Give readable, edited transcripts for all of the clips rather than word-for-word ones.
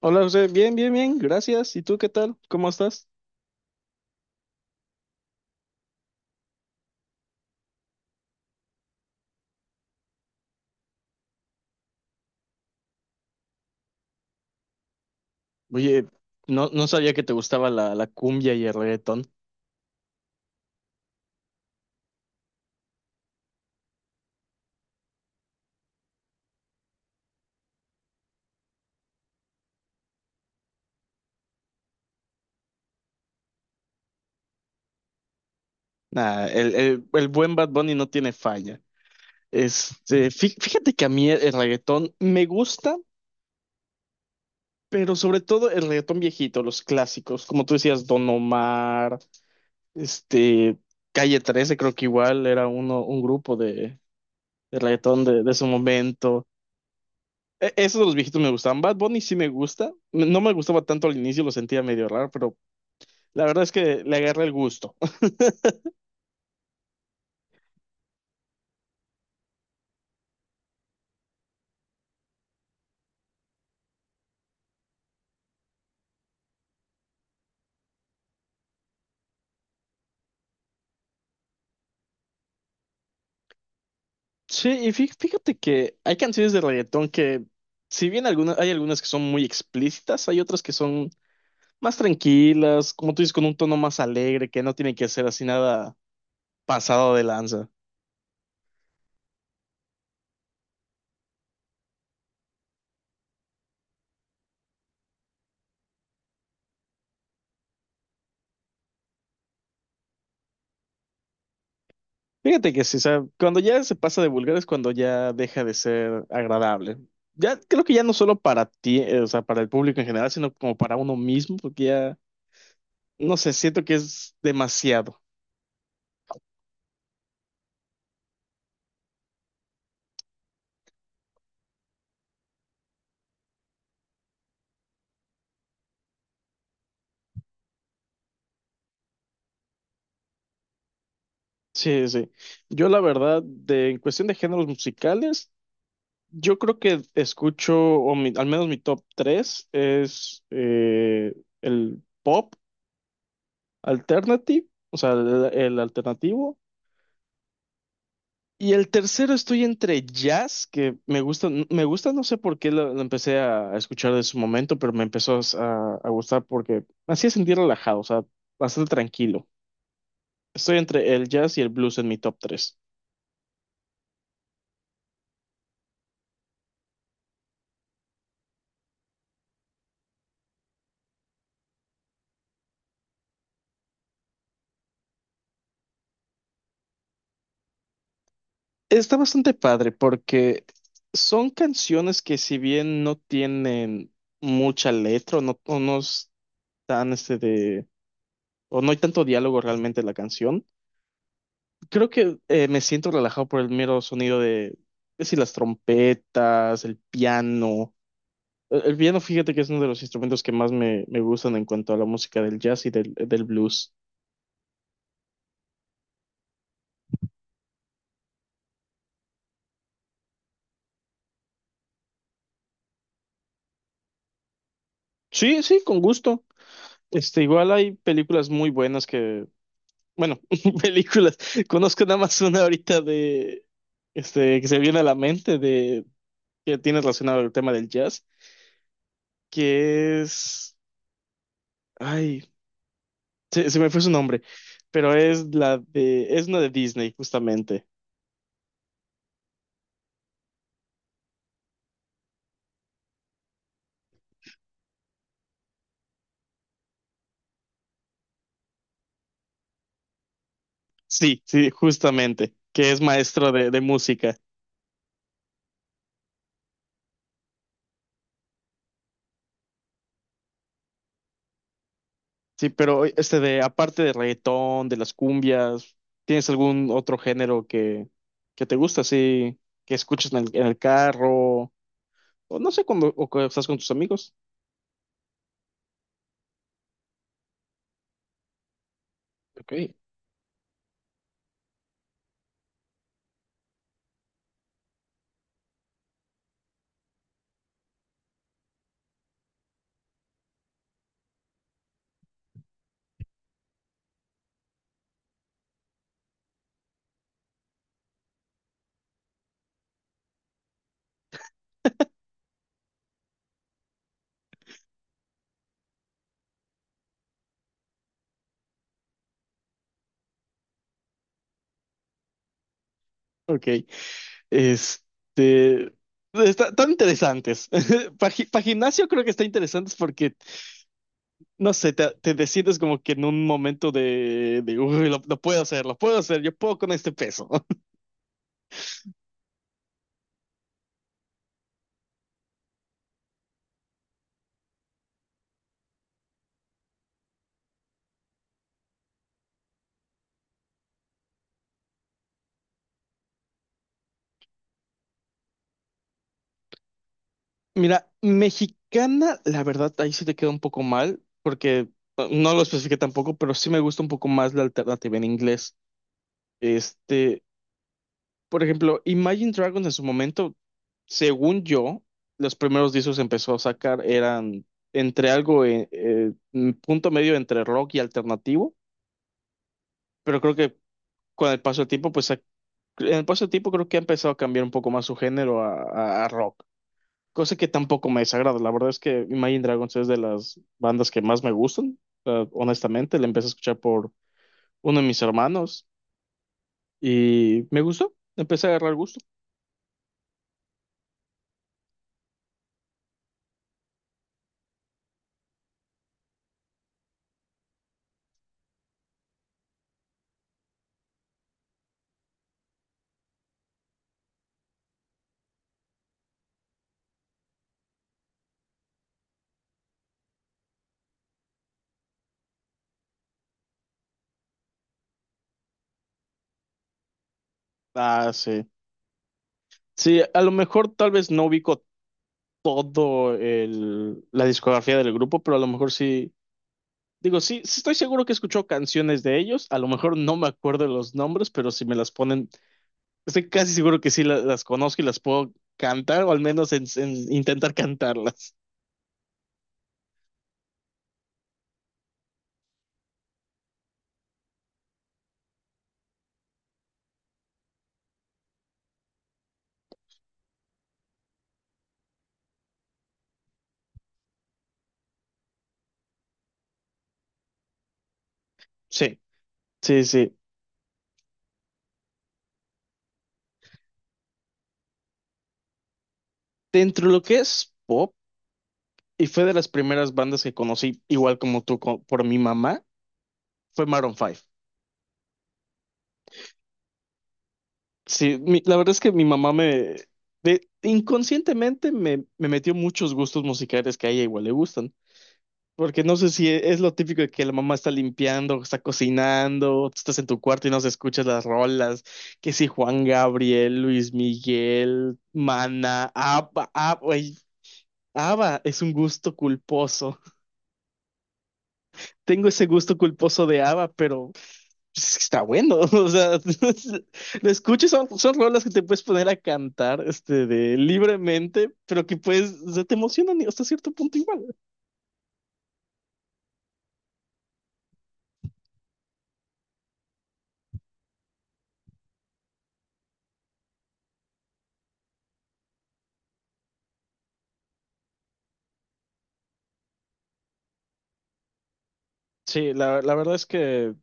Hola José, bien, bien, bien, gracias. ¿Y tú qué tal? ¿Cómo estás? Oye, no sabía que te gustaba la cumbia y el reggaetón. Nah, el buen Bad Bunny no tiene falla. Fíjate que a mí el reggaetón me gusta, pero sobre todo el reggaetón viejito, los clásicos, como tú decías, Don Omar, este, Calle 13, creo que igual era uno, un grupo de reggaetón de su momento. Esos de los viejitos me gustaban. Bad Bunny sí me gusta. No me gustaba tanto al inicio, lo sentía medio raro, pero la verdad es que le agarra el gusto. Sí, fíjate que hay canciones de reggaetón que, si bien algunas, hay algunas que son muy explícitas, hay otras que son más tranquilas, como tú dices, con un tono más alegre, que no tiene que ser así nada pasado de lanza. Fíjate que sí, o sea, cuando ya se pasa de vulgar es cuando ya deja de ser agradable. Ya creo que ya no solo para ti, o sea, para el público en general, sino como para uno mismo, porque ya, no sé, siento que es demasiado. Sí, sí. Yo la verdad, en cuestión de géneros musicales, yo creo que escucho, o al menos mi top 3 es el pop alternative, o sea, el alternativo. Y el tercero estoy entre jazz, que me gusta, no sé por qué lo empecé a escuchar de su momento, pero me empezó a gustar porque me hacía sentir relajado, o sea, bastante tranquilo. Estoy entre el jazz y el blues en mi top 3. Está bastante padre porque son canciones que si bien no tienen mucha letra o no están este de o no hay tanto diálogo realmente en la canción, creo que me siento relajado por el mero sonido es decir, las trompetas, el piano. El piano, fíjate que es uno de los instrumentos que más me gustan en cuanto a la música del jazz y del blues. Sí, sí, con gusto. Este, igual hay películas muy buenas que bueno, películas. Conozco nada más una ahorita de, que se viene a la mente de, que tiene relacionado al tema del jazz, que es, ay, se me fue su nombre, pero es la de, es una de Disney, justamente. Sí, sí, justamente, que es maestro de música. Sí, pero este de, aparte de reggaetón, de las cumbias, ¿tienes algún otro género que te gusta, así, que escuchas en en el carro, o no sé, cuando, o cuando estás con tus amigos? Ok. Ok, este, están interesantes. Para gimnasio creo que está interesantes porque, no sé, te decides como que en un momento de uy, lo puedo hacer, yo puedo con este peso. Mira, mexicana, la verdad, ahí sí te queda un poco mal porque no lo especifiqué tampoco, pero sí me gusta un poco más la alternativa en inglés. Este, por ejemplo, Imagine Dragons en su momento, según yo, los primeros discos que empezó a sacar eran entre algo, un punto medio entre rock y alternativo, pero creo que con el paso del tiempo, en el paso del tiempo creo que ha empezado a cambiar un poco más su género a rock, cosa que tampoco me desagrada. La verdad es que Imagine Dragons es de las bandas que más me gustan, honestamente, la empecé a escuchar por uno de mis hermanos y me gustó, empecé a agarrar gusto. Ah, sí. Sí, a lo mejor tal vez no ubico la discografía del grupo, pero a lo mejor sí, digo, sí, sí estoy seguro que escucho canciones de ellos, a lo mejor no me acuerdo de los nombres, pero si me las ponen, estoy casi seguro que las conozco y las puedo cantar, o al menos en intentar cantarlas. Sí, sí, sí. Dentro de lo que es pop, y fue de las primeras bandas que conocí, igual como tú, por mi mamá, fue Maroon Five. Sí, la verdad es que mi mamá me inconscientemente me metió muchos gustos musicales que a ella igual le gustan. Porque no sé si es lo típico de que la mamá está limpiando, está cocinando, tú estás en tu cuarto y no se escuchas las rolas. Que si Juan Gabriel, Luis Miguel, Mana, ABBA, ABBA, güey, ABBA es un gusto culposo. Tengo ese gusto culposo de ABBA, pero pues, está bueno. O sea, lo escucho, y son, son rolas que te puedes poner a cantar este, de, libremente, pero que pues o sea, te emocionan y hasta cierto punto igual. Sí, la verdad es que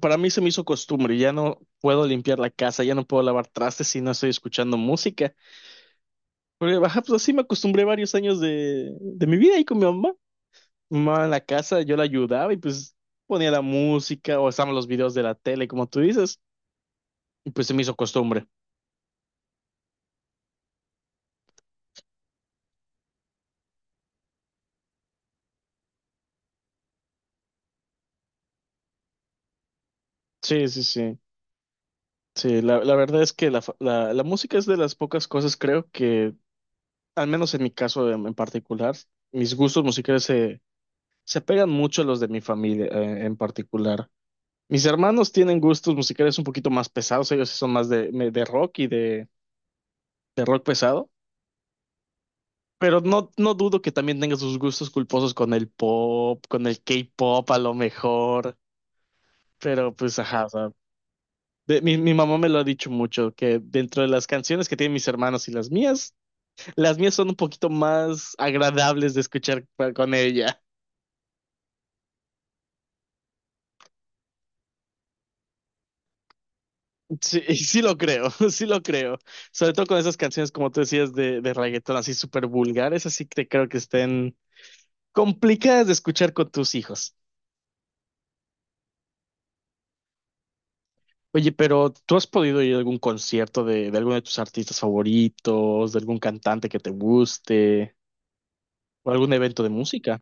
para mí se me hizo costumbre. Ya no puedo limpiar la casa, ya no puedo lavar trastes si no estoy escuchando música. Porque baja, pues así me acostumbré varios años de mi vida ahí con mi mamá. Mi mamá en la casa, yo la ayudaba y pues ponía la música o estaban los videos de la tele, como tú dices. Y pues se me hizo costumbre. Sí, sí, sí. Sí, la verdad es que la música es de las pocas cosas, creo que, al menos en mi caso en particular, mis gustos musicales se pegan mucho a los de mi familia en particular. Mis hermanos tienen gustos musicales un poquito más pesados, ellos sí son más de rock y de rock pesado, pero no, no dudo que también tengan sus gustos culposos con el pop, con el K-pop a lo mejor, pero pues ajá. Mi mamá me lo ha dicho mucho, que dentro de las canciones que tienen mis hermanos y las mías son un poquito más agradables de escuchar con ella. Sí, y sí lo creo, sí lo creo. Sobre todo con esas canciones, como tú decías, de reggaetón, así súper vulgares, así que creo que estén complicadas de escuchar con tus hijos. Oye, pero ¿tú has podido ir a algún concierto de alguno de tus artistas favoritos, de algún cantante que te guste, o algún evento de música?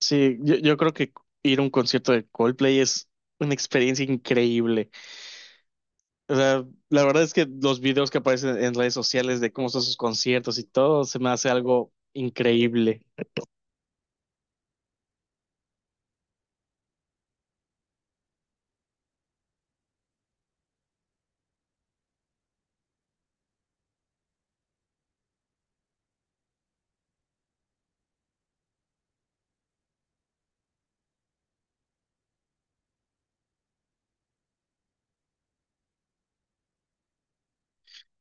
Sí, yo creo que ir a un concierto de Coldplay es una experiencia increíble. O sea, la verdad es que los videos que aparecen en redes sociales de cómo son sus conciertos y todo, se me hace algo increíble.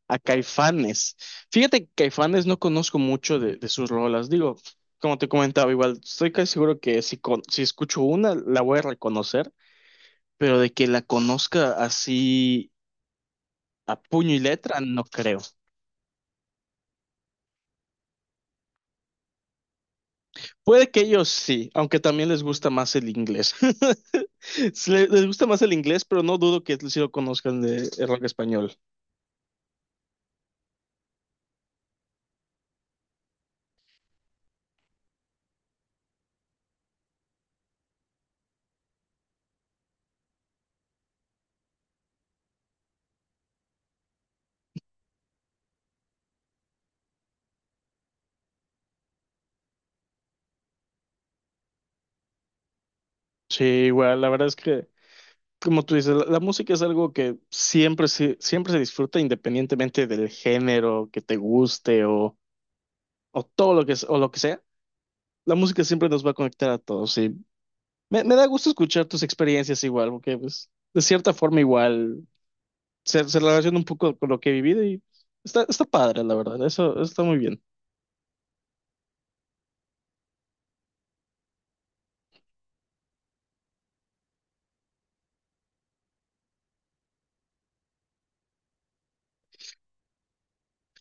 A Caifanes. Fíjate que Caifanes no conozco mucho de sus rolas. Digo, como te comentaba, igual estoy casi seguro que si, si escucho una, la voy a reconocer, pero de que la conozca así a puño y letra, no creo. Puede que ellos sí, aunque también les gusta más el inglés. Sí, les gusta más el inglés, pero no dudo que sí lo conozcan de el rock español. Sí, igual, la verdad es que, como tú dices, la música es algo que siempre se disfruta independientemente del género que te guste o todo lo que, o lo que sea. La música siempre nos va a conectar a todos. Y me da gusto escuchar tus experiencias igual, porque pues, de cierta forma igual se relaciona un poco con lo que he vivido y está, está padre, la verdad. Eso está muy bien.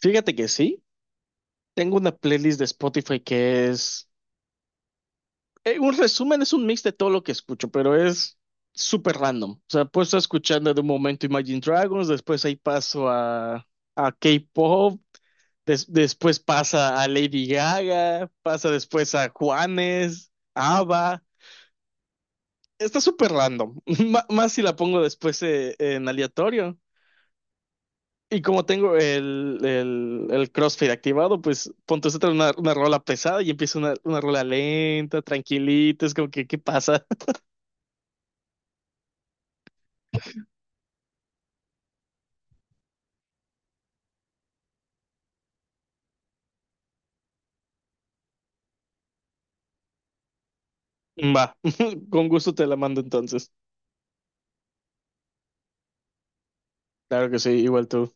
Fíjate que sí, tengo una playlist de Spotify que es, un resumen, es un mix de todo lo que escucho, pero es súper random. O sea, puedo estar escuchando de un momento Imagine Dragons, después ahí paso a K-pop, después pasa a Lady Gaga, pasa después a Juanes, ABBA. Está súper random, M- más si la pongo después en aleatorio. Y como tengo el CrossFit activado, pues ponte otra una rola pesada y empieza una rola lenta, tranquilita, es como que, ¿qué pasa? Va, con gusto te la mando entonces. Claro que sí, igual tú.